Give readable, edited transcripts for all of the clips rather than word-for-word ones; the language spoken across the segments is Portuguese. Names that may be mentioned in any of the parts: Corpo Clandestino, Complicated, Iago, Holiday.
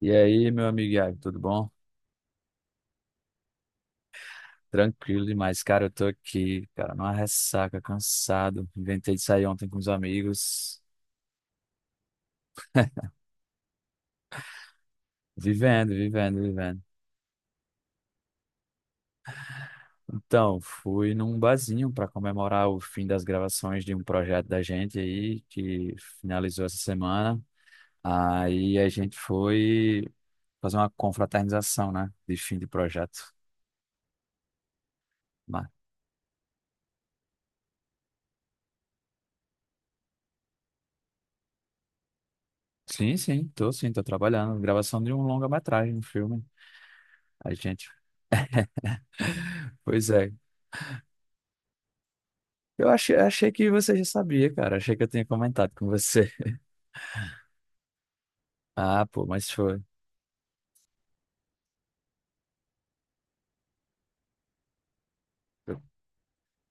E aí, meu amigo Iago, tudo bom? Tranquilo demais, cara. Eu tô aqui, cara, numa ressaca, cansado. Inventei de sair ontem com os amigos. Vivendo, vivendo, vivendo. Então, fui num barzinho para comemorar o fim das gravações de um projeto da gente aí, que finalizou essa semana. Aí a gente foi fazer uma confraternização, né? De fim de projeto. Mas, sim, sim, tô trabalhando. Gravação de um longa-metragem, um filme. A gente. Pois é, eu achei que você já sabia, cara. Achei que eu tinha comentado com você. Ah, pô, mas foi.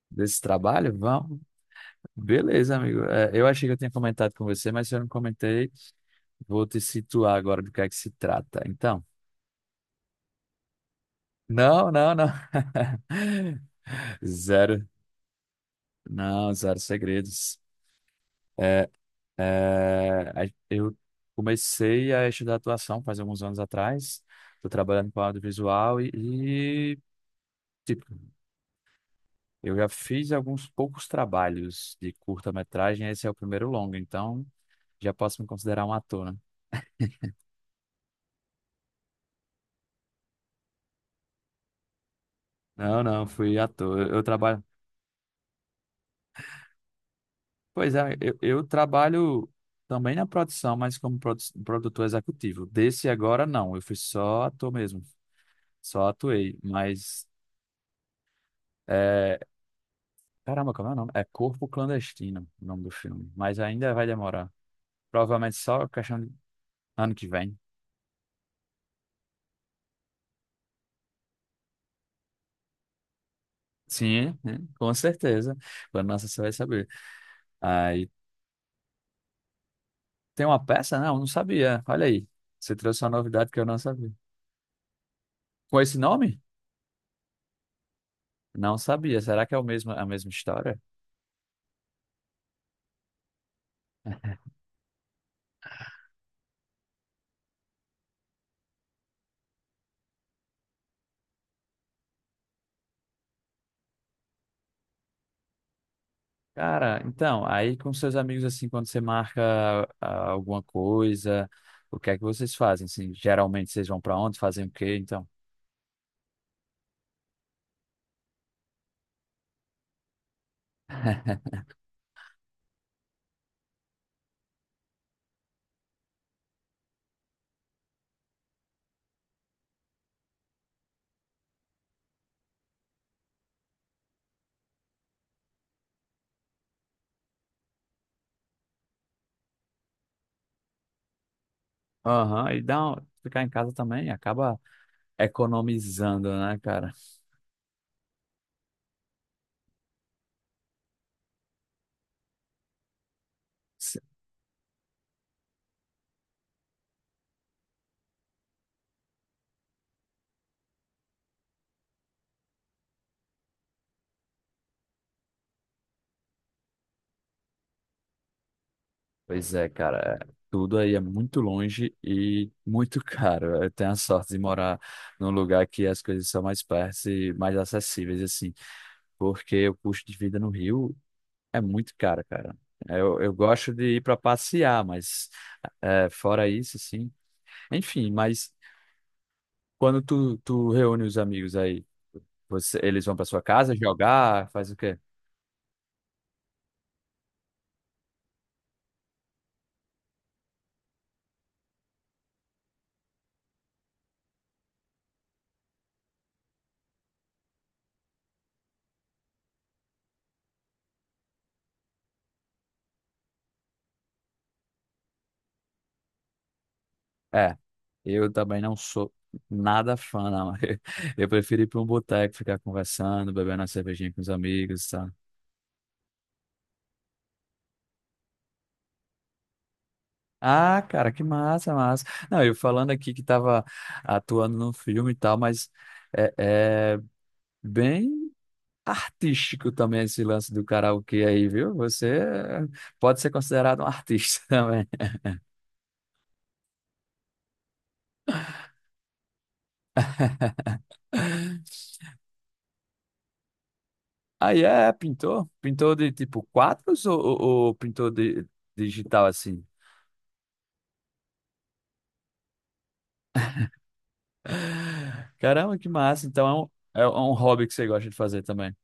Desse trabalho? Vamos. Beleza, amigo. É, eu achei que eu tinha comentado com você, mas se eu não comentei, vou te situar agora do que é que se trata. Então, não, não, não. Zero. Não, zero segredos. É, eu comecei a estudar atuação faz alguns anos atrás. Estou trabalhando com audiovisual e, tipo, eu já fiz alguns poucos trabalhos de curta-metragem, esse é o primeiro longo, então já posso me considerar um ator, né? Não, não, fui ator. Eu trabalho. Pois é, eu trabalho também na produção, mas como produtor executivo. Desse agora, não, eu fui só ator mesmo, só atuei. Mas, é... caramba, como é o nome? É Corpo Clandestino, o nome do filme, mas ainda vai demorar. Provavelmente só questão de ano que vem. Sim, né? Com certeza. Quando lança, você vai saber. Aí tem uma peça? Não, não sabia. Olha aí. Você trouxe uma novidade que eu não sabia. Com esse nome? Não sabia. Será que é o mesmo, a mesma história? Cara, então, aí com seus amigos, assim, quando você marca alguma coisa, o que é que vocês fazem? Assim, geralmente vocês vão pra onde? Fazem o quê, então? Aham, ficar em casa também acaba economizando, né, cara? Pois é, cara, é- tudo aí é muito longe e muito caro. Eu tenho a sorte de morar num lugar que as coisas são mais perto e mais acessíveis, assim, porque o custo de vida no Rio é muito caro, cara. Eu gosto de ir para passear, mas é, fora isso, assim. Enfim, mas quando tu reúne os amigos aí, você, eles vão para sua casa jogar, faz o quê? É, eu também não sou nada fã, não. Eu prefiro ir para um boteco, ficar conversando, bebendo uma cervejinha com os amigos, tá? Ah, cara, que massa, massa. Não, eu falando aqui que tava atuando num filme e tal, mas é, é bem artístico também esse lance do karaokê aí, viu? Você pode ser considerado um artista também. Aí é pintor? Pintor de tipo quadros ou pintor de digital assim? Caramba, que massa. Então é um hobby que você gosta de fazer também.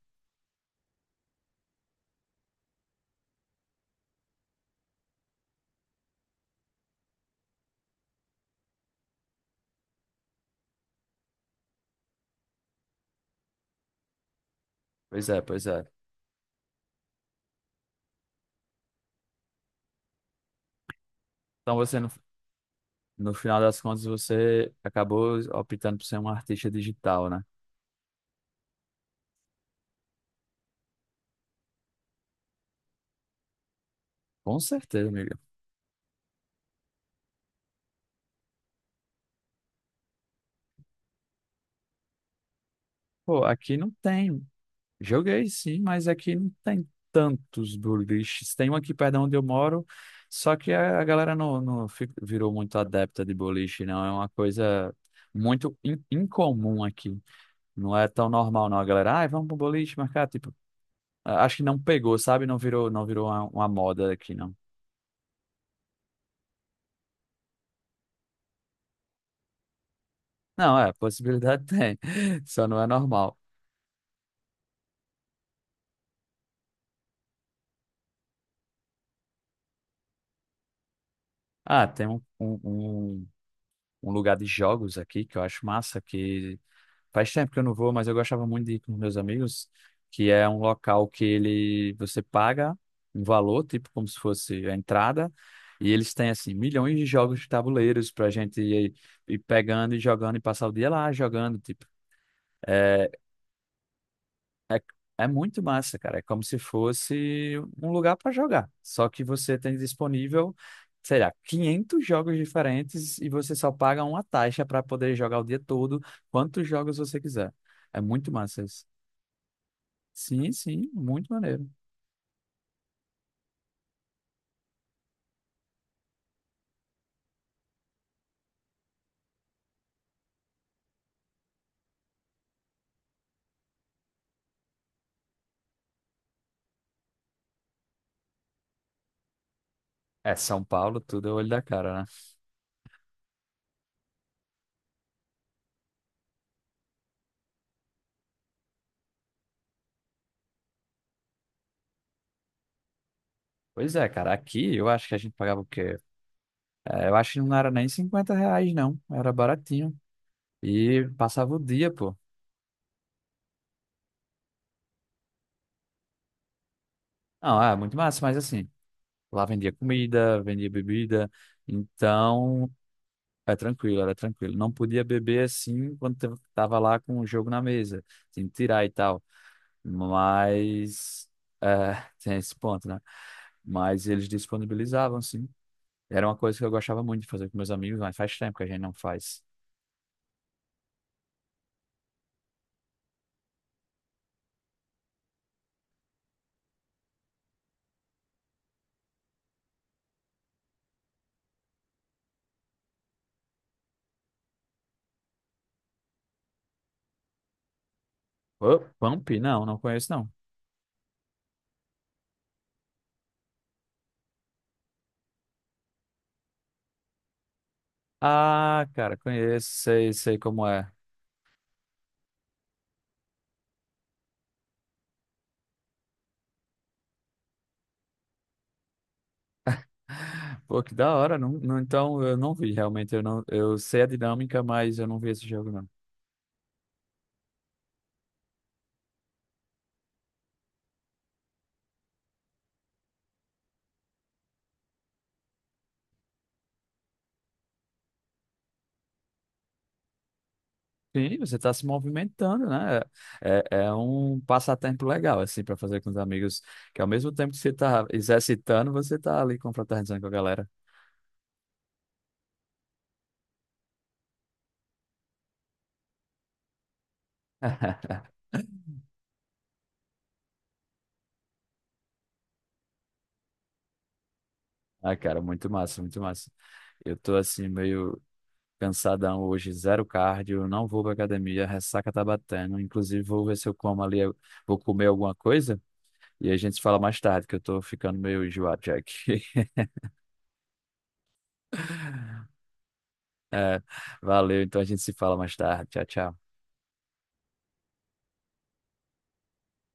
Pois é, pois é. Então você, no, no final das contas, você acabou optando por ser um artista digital, né? Com certeza, amiga. Pô, aqui não tem. Joguei sim, mas aqui não tem tantos boliches. Tem um aqui perto de onde eu moro, só que a galera não virou muito adepta de boliche, não. É uma coisa incomum aqui. Não é tão normal, não. A galera, ai, vamos pro boliche marcar, tipo. Ah, acho que não pegou, sabe? Não virou, não virou uma moda aqui, não. Não, é, possibilidade tem, só não é normal. Ah, tem um lugar de jogos aqui que eu acho massa, que faz tempo que eu não vou, mas eu gostava muito de ir com meus amigos, que é um local que ele, você paga um valor, tipo como se fosse a entrada, e eles têm, assim, milhões de jogos de tabuleiros pra gente ir, ir pegando e jogando e passar o dia lá jogando, tipo. é, É, é muito massa, cara. É como se fosse um lugar para jogar. Só que você tem disponível, sei lá, 500 jogos diferentes e você só paga uma taxa para poder jogar o dia todo, quantos jogos você quiser. É muito massa isso. Sim, sim, muito maneiro. É, São Paulo, tudo é olho da cara, né? Pois é, cara. Aqui eu acho que a gente pagava o quê? É, eu acho que não era nem R$ 50, não. Era baratinho. E passava o dia, pô. Não, é muito massa, mas assim. Lá vendia comida, vendia bebida, então é tranquilo, era tranquilo. Não podia beber assim quando tava lá com o jogo na mesa, tinha que tirar e tal. Mas é, tem esse ponto, né? Mas eles disponibilizavam, sim. Era uma coisa que eu gostava muito de fazer com meus amigos, mas faz tempo que a gente não faz. Ô, Pump? Não, não conheço, não. Ah, cara, conheço, sei, sei como é. Pô, que da hora, não, não, então eu não vi realmente, eu não, eu sei a dinâmica, mas eu não vi esse jogo, não. Sim, você está se movimentando, né? É, um passatempo legal, assim, para fazer com os amigos, que ao mesmo tempo que você está exercitando, você está ali confraternizando com a galera. Ah, cara, muito massa, muito massa. Eu tô assim, meio cansadão hoje, zero cardio, não vou pra academia, a ressaca tá batendo. Inclusive, vou ver se eu como ali, eu vou comer alguma coisa e a gente se fala mais tarde, que eu tô ficando meio enjoado já aqui. É, valeu, então a gente se fala mais tarde. Tchau, tchau.